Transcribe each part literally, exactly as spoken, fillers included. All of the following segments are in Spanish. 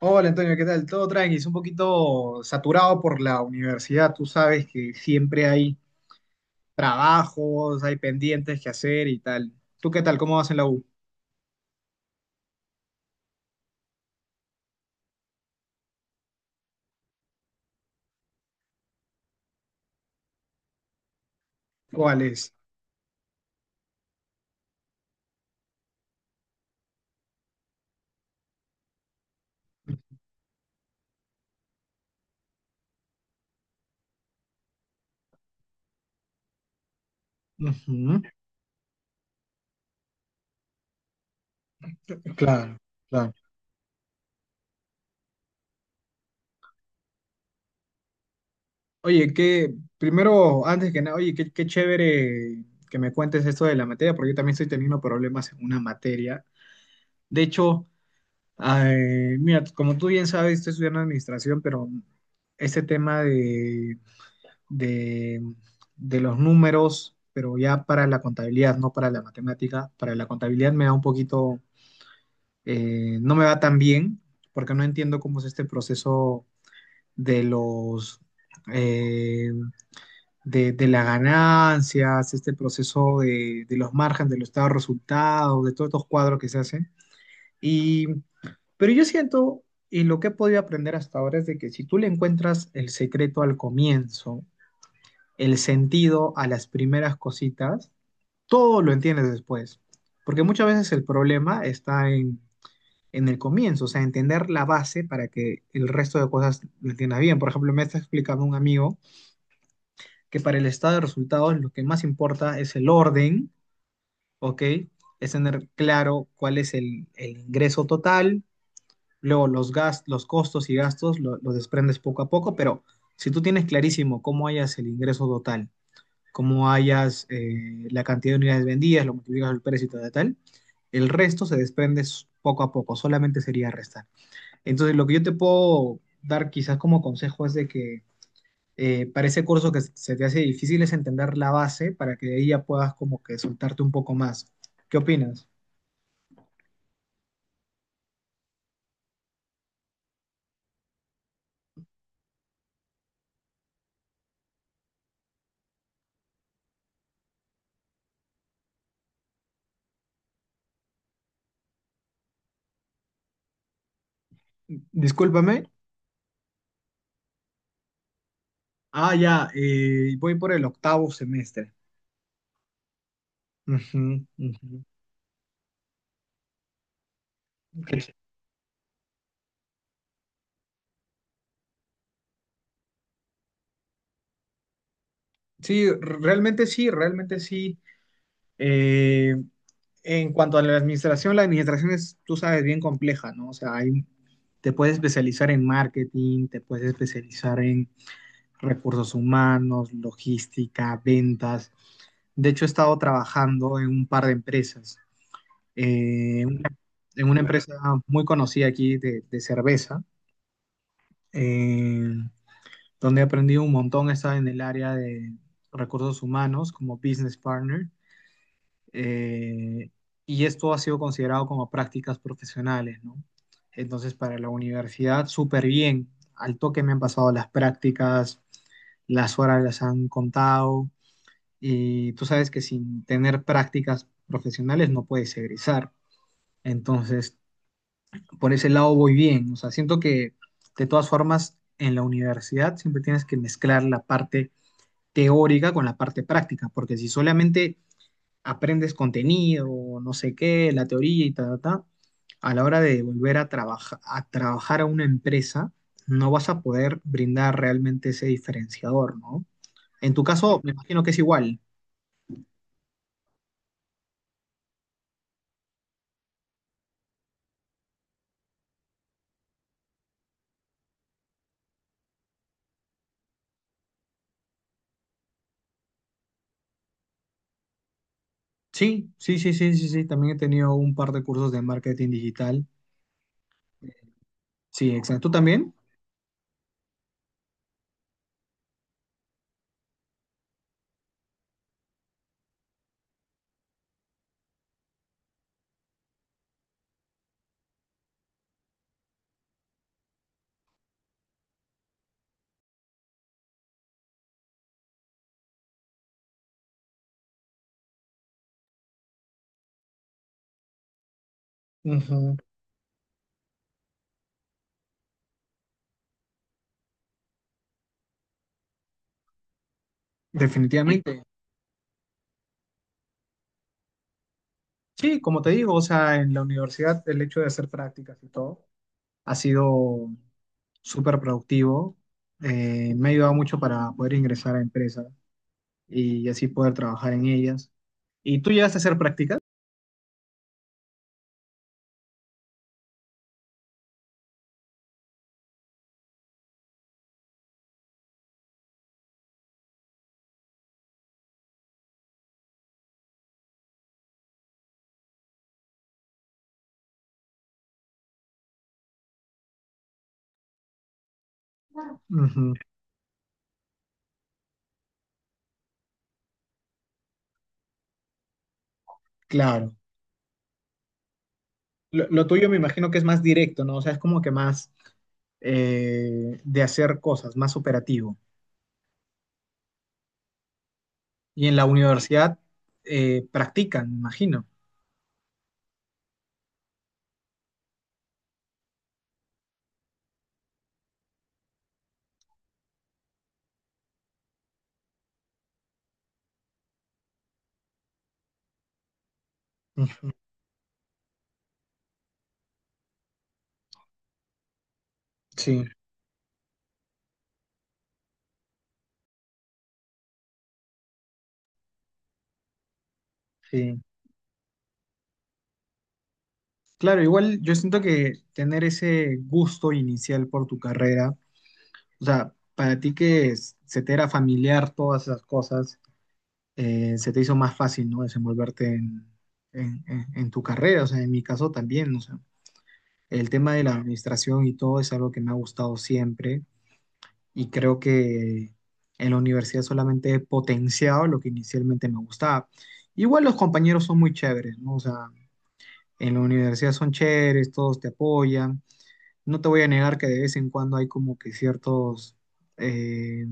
Hola Antonio, ¿qué tal? Todo tranqui, es un poquito saturado por la universidad, tú sabes que siempre hay trabajos, hay pendientes que hacer y tal. ¿Tú qué tal? ¿Cómo vas en la U? ¿Cuál es? Ujú. Claro, claro. Oye, que primero, antes que nada, oye, qué, qué chévere que me cuentes esto de la materia, porque yo también estoy teniendo problemas en una materia. De hecho, ay, mira, como tú bien sabes, estoy estudiando administración, pero este tema de de, de los números, pero ya para la contabilidad, no para la matemática. Para la contabilidad me da un poquito, eh, no me va tan bien, porque no entiendo cómo es este proceso de los, eh, de, de las ganancias, este proceso de, de los márgenes, de los estados de resultados, de todos estos cuadros que se hacen. Y, pero yo siento, y lo que he podido aprender hasta ahora es de que si tú le encuentras el secreto al comienzo, el sentido a las primeras cositas, todo lo entiendes después. Porque muchas veces el problema está en, en el comienzo, o sea, entender la base para que el resto de cosas lo entiendas bien. Por ejemplo, me está explicando un amigo que para el estado de resultados lo que más importa es el orden, ¿ok? Es tener claro cuál es el, el ingreso total, luego los, gastos, los costos y gastos lo- los desprendes poco a poco, pero si tú tienes clarísimo cómo hayas el ingreso total, cómo hallas eh, la cantidad de unidades vendidas, lo multiplicas por el precio y tal, tal. tal. El resto se desprende s- poco a poco, solamente sería restar. Entonces, lo que yo te puedo dar quizás como consejo es de que eh, para ese curso que se te hace difícil es entender la base para que de ahí ya puedas como que soltarte un poco más. ¿Qué opinas? Discúlpame. Ah, ya, eh, voy por el octavo semestre. Ujú, ujú. Sí, realmente sí, realmente sí. Eh, En cuanto a la administración, la administración es, tú sabes, bien compleja, ¿no? O sea, hay, te puedes especializar en marketing, te puedes especializar en recursos humanos, logística, ventas. De hecho, he estado trabajando en un par de empresas. Eh, una- en una empresa muy conocida aquí de, de cerveza, eh, donde he aprendido un montón. He estado en el área de recursos humanos como business partner, eh, y esto ha sido considerado como prácticas profesionales, ¿no? Entonces, para la universidad, súper bien. Al toque me han pasado las prácticas, las horas las han contado, y tú sabes que sin tener prácticas profesionales no puedes egresar. Entonces, por ese lado voy bien. O sea, siento que de todas formas en la universidad siempre tienes que mezclar la parte teórica con la parte práctica, porque si solamente aprendes contenido, no sé qué, la teoría y ta, ta, ta, a la hora de volver a, trabaja- a trabajar a una empresa, no vas a poder brindar realmente ese diferenciador, ¿no? En tu caso, me imagino que es igual. Sí, sí, sí, sí, sí, sí. También he tenido un par de cursos de marketing digital. Sí, exacto. ¿Tú también? Ujú. Definitivamente. Sí, como te digo, o sea, en la universidad el hecho de hacer prácticas y todo ha sido súper productivo. Eh, me ha ayudado mucho para poder ingresar a empresas y así poder trabajar en ellas. ¿Y tú llegaste a hacer prácticas? Ujú, claro. Lo, lo tuyo me imagino que es más directo, ¿no? O sea, es como que más eh, de hacer cosas, más operativo. Y en la universidad eh, practican, me imagino. Ujú. Sí, sí. Claro, igual yo siento que tener ese gusto inicial por tu carrera, o sea, para ti que es- se te era familiar todas esas cosas, eh, se te hizo más fácil, ¿no? Desenvolverte en, en- en- en tu carrera, o sea, en mi caso también, o sea, el tema de la administración y todo es algo que me ha gustado siempre y creo que en la universidad solamente he potenciado lo que inicialmente me gustaba. Igual los compañeros son muy chéveres, ¿no? O sea, en la universidad son chéveres, todos te apoyan. No te voy a negar que de vez en cuando hay como que ciertos... eh,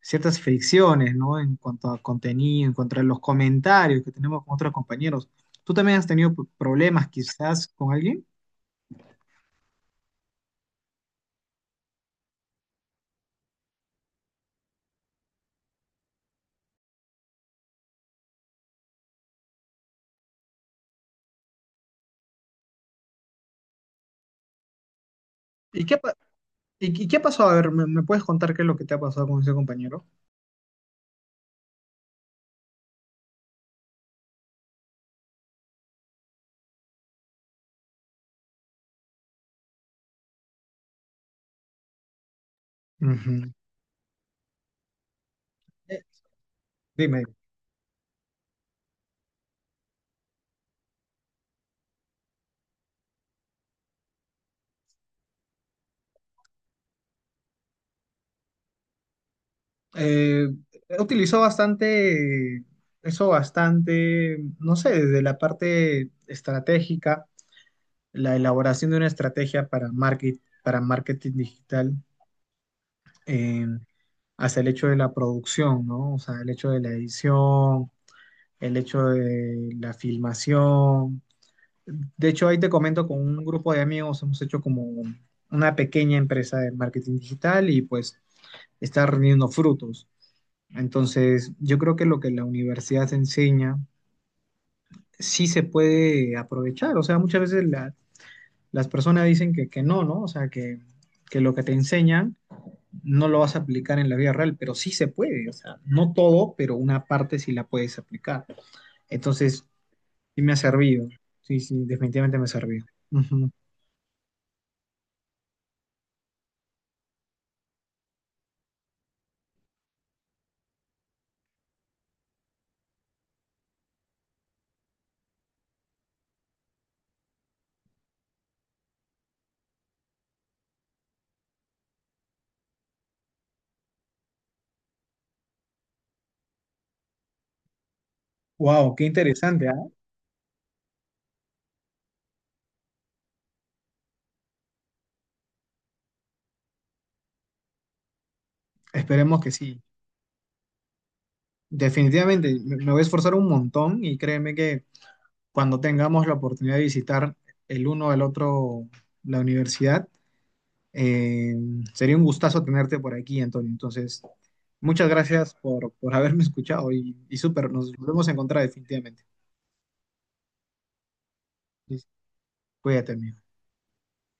ciertas fricciones, ¿no? En cuanto a contenido, en cuanto a los comentarios que tenemos con otros compañeros. ¿Tú también has tenido p- problemas quizás con alguien? ¿Y qué, pa- y, y qué pasó? A ver, ¿me, me puedes contar qué es lo que te ha pasado con ese compañero? Ujú. Eh, Dime. Eh, He utilizado bastante, eh, eso bastante, no sé, desde la parte estratégica, la elaboración de una estrategia para market, para marketing digital, eh, hasta el hecho de la producción, ¿no? O sea, el hecho de la edición, el hecho de la filmación. De hecho, ahí te comento, con un grupo de amigos hemos hecho como una pequeña empresa de marketing digital y pues está rindiendo frutos. Entonces, yo creo que lo que la universidad enseña sí se puede aprovechar. O sea, muchas veces la- las personas dicen que, que no, ¿no? O sea, que, que lo que te enseñan no lo vas a aplicar en la vida real, pero sí se puede, o sea, no todo, pero una parte sí la puedes aplicar. Entonces, sí me ha servido, sí, sí, definitivamente me ha servido. Ujú. Wow, qué interesante, ¿ah? Esperemos que sí. Definitivamente, me me voy a esforzar un montón y créeme que cuando tengamos la oportunidad de visitar el uno al otro la universidad, eh, sería un gustazo tenerte por aquí, Antonio. Entonces, muchas gracias por, por haberme escuchado y, y súper, nos volvemos a encontrar definitivamente. Sí, sí. Cuídate, amigo.